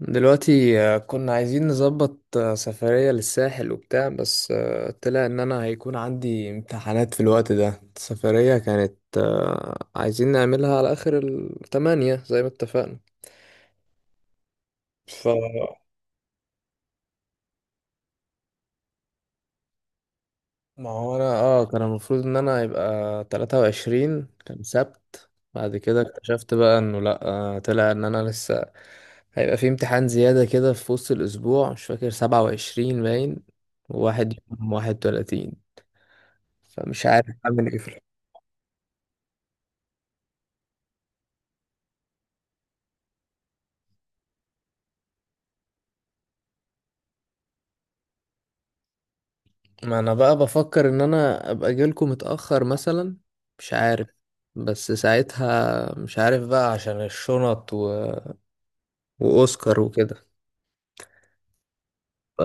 دلوقتي كنا عايزين نظبط سفرية للساحل وبتاع، بس طلع ان انا هيكون عندي امتحانات في الوقت ده. السفرية كانت عايزين نعملها على اخر التمانية زي ما اتفقنا. ف ما هو انا كان المفروض ان انا يبقى 23 كان سبت. بعد كده اكتشفت بقى انه لا. طلع ان انا لسه هيبقى في امتحان زيادة كده في وسط الاسبوع، مش فاكر 27 باين يوم 31. فمش عارف اعمل ايه في الحوار. ما انا بقى بفكر ان انا ابقى جيلكم متأخر مثلا، مش عارف، بس ساعتها مش عارف بقى عشان الشنط واوسكار وكده. ف...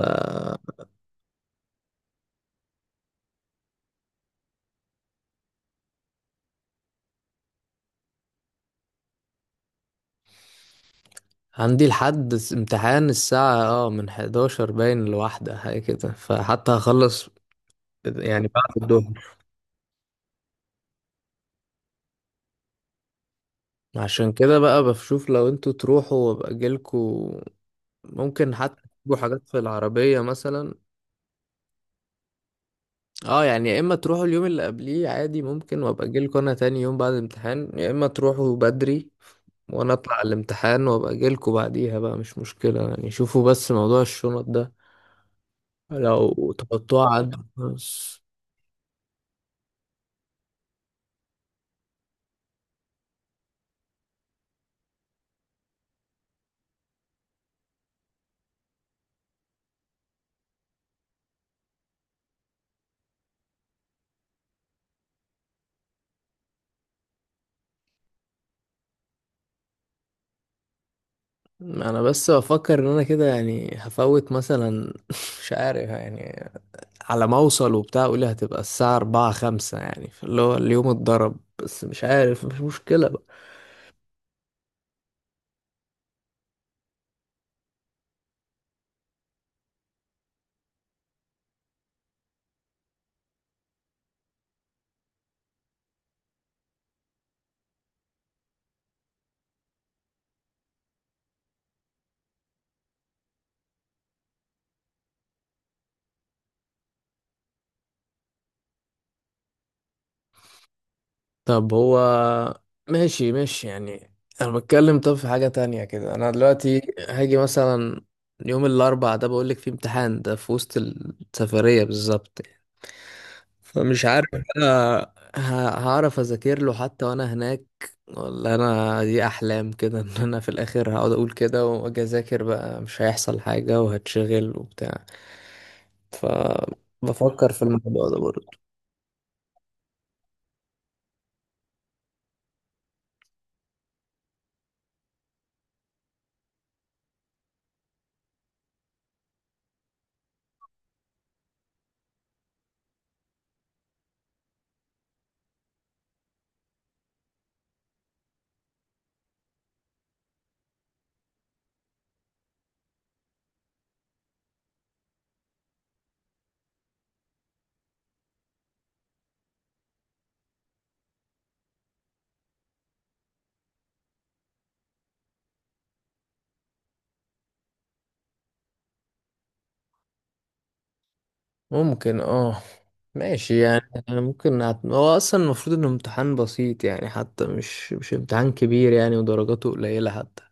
عندي لحد امتحان الساعة من 11 باين لواحدة حاجة كده، فحتى هخلص يعني بعد الظهر. عشان كده بقى بشوف لو انتوا تروحوا وابقى جيلكم، ممكن حتى تجيبوا حاجات في العربية مثلا. اه يعني يا اما تروحوا اليوم اللي قبليه عادي ممكن، وابقى اجيلكوا انا تاني يوم بعد الامتحان، يا اما تروحوا بدري وانا اطلع على الامتحان وابقى اجيلكوا بعديها بقى، مش مشكلة يعني. شوفوا بس موضوع الشنط ده، لو تحطوه عد بس. انا بس بفكر ان انا كده يعني هفوت مثلا مش عارف يعني، على ما اوصل وبتاع، قولي هتبقى الساعة أربعة خمسة، يعني اللي هو اليوم اتضرب. بس مش عارف، مش مشكلة بقى. طب هو ماشي ماشي يعني. انا بتكلم طب في حاجة تانية كده. انا دلوقتي هاجي مثلا يوم الاربعاء ده، بقولك فيه امتحان ده في وسط السفرية بالظبط يعني. فمش عارف انا ه- هعرف اذاكر له حتى وانا هناك، ولا انا دي احلام كده ان انا في الاخر هقعد اقول كده واجي اذاكر بقى مش هيحصل حاجة وهتشغل وبتاع. فبفكر في الموضوع ده برضه. ممكن ماشي يعني. أنا ممكن هو اصلا المفروض انه امتحان بسيط يعني، حتى مش امتحان كبير يعني، ودرجاته قليلة حتى.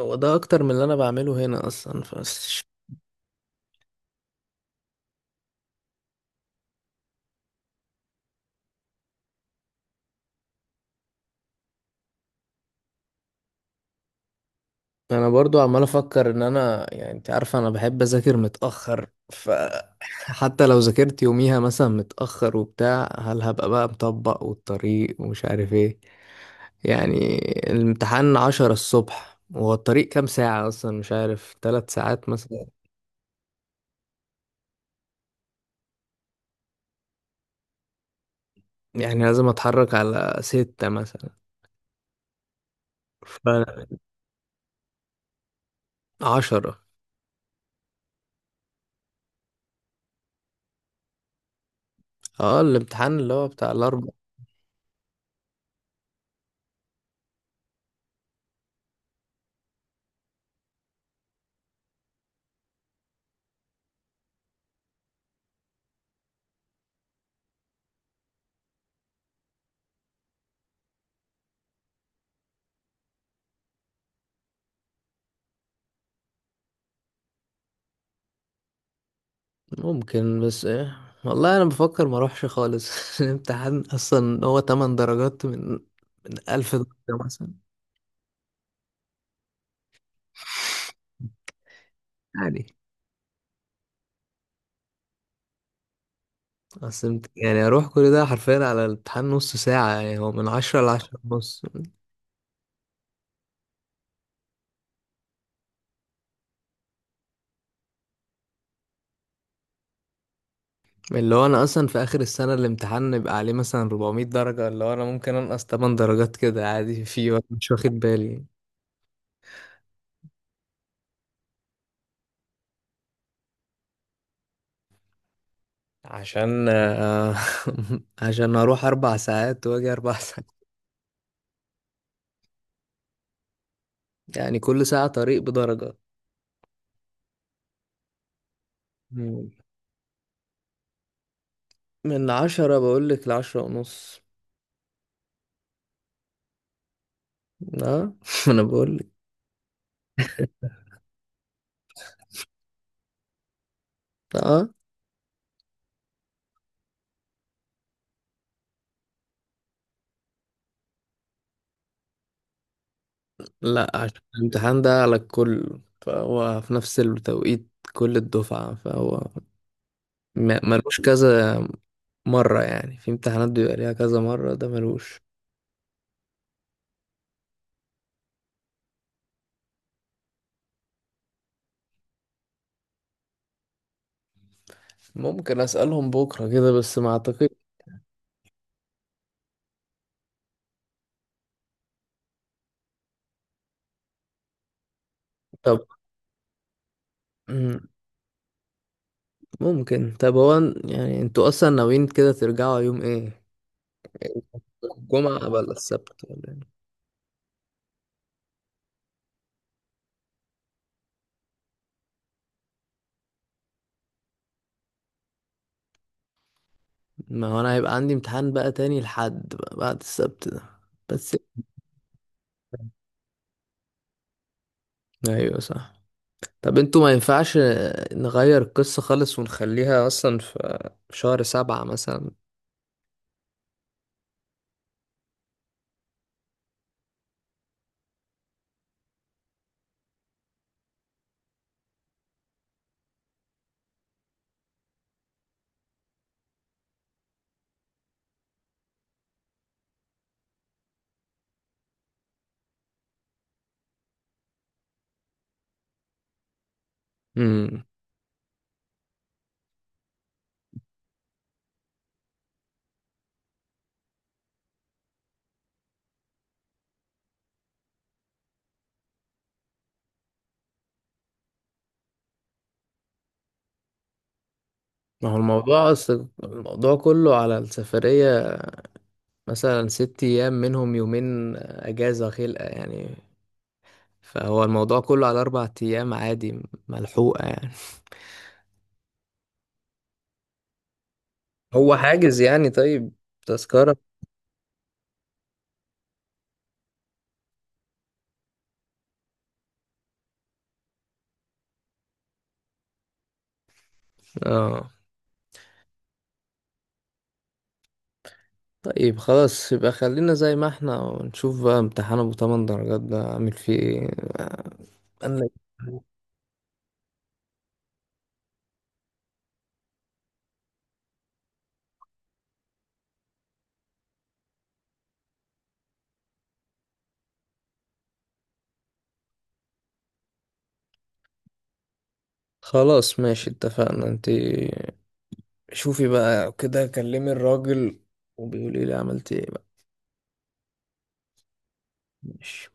هو ده اكتر من اللي انا بعمله هنا اصلا فش. انا برضو عمال افكر ان انا يعني، انت عارفه انا بحب اذاكر متاخر، ف حتى لو ذاكرت يوميها مثلا متاخر وبتاع، هل هبقى بقى مطبق والطريق ومش عارف ايه يعني. الامتحان 10 الصبح، وهو الطريق كام ساعه اصلا؟ مش عارف، 3 ساعات مثلا. يعني لازم اتحرك على 6 مثلا. فعشرة اه الامتحان اللي هو بتاع الاربع. ممكن بس ايه، والله انا بفكر ما اروحش خالص الامتحان اصلا هو 8 درجات من 1000 درجة مثلا. يعني اصل يعني اروح كل ده حرفيا على الامتحان نص ساعة، يعني هو من عشرة لعشرة ونص. اللي هو انا اصلا في اخر السنة الامتحان يبقى عليه مثلا 400 درجة، اللي هو انا ممكن انقص 8 درجات كده عادي فيه وأنا مش واخد بالي. عشان عشان اروح 4 ساعات واجي اربع ساعات. يعني كل ساعة طريق بدرجة. مم. من عشرة بقولك لعشرة ونص. اه انا بقولك. اه لا، عشان الامتحان ده على الكل، فهو في نفس التوقيت كل الدفعة، فهو ملوش كذا مرة. يعني في امتحانات بيبقى ليها كذا مرة، ده ملوش. ممكن اسألهم بكرة كده بس ما اعتقد. طب ممكن، طب هو يعني انتوا اصلا ناويين كده ترجعوا يوم ايه؟ الجمعة ولا السبت ولا إيه؟ ما هو انا هيبقى عندي امتحان بقى تاني لحد بقى بعد السبت ده بس. ايوه صح. طب انتوا ما ينفعش نغير القصة خالص ونخليها اصلا في شهر سبعة مثلا؟ امم ما هو الموضوع اصل الموضوع كله على السفرية. مثلا 6 ايام منهم يومين اجازة خلقة يعني، فهو الموضوع كله على 4 ايام عادي، ملحوقة يعني. هو حاجز يعني، طيب، تذكرة اه طيب. خلاص يبقى خلينا زي ما احنا، ونشوف بقى امتحان ابو 8 درجات ده عامل فيه ايه. أنا- خلاص ماشي اتفقنا. انت شوفي بقى كده، كلمي الراجل وبيقولي لي عملت ايه بقى. ماشي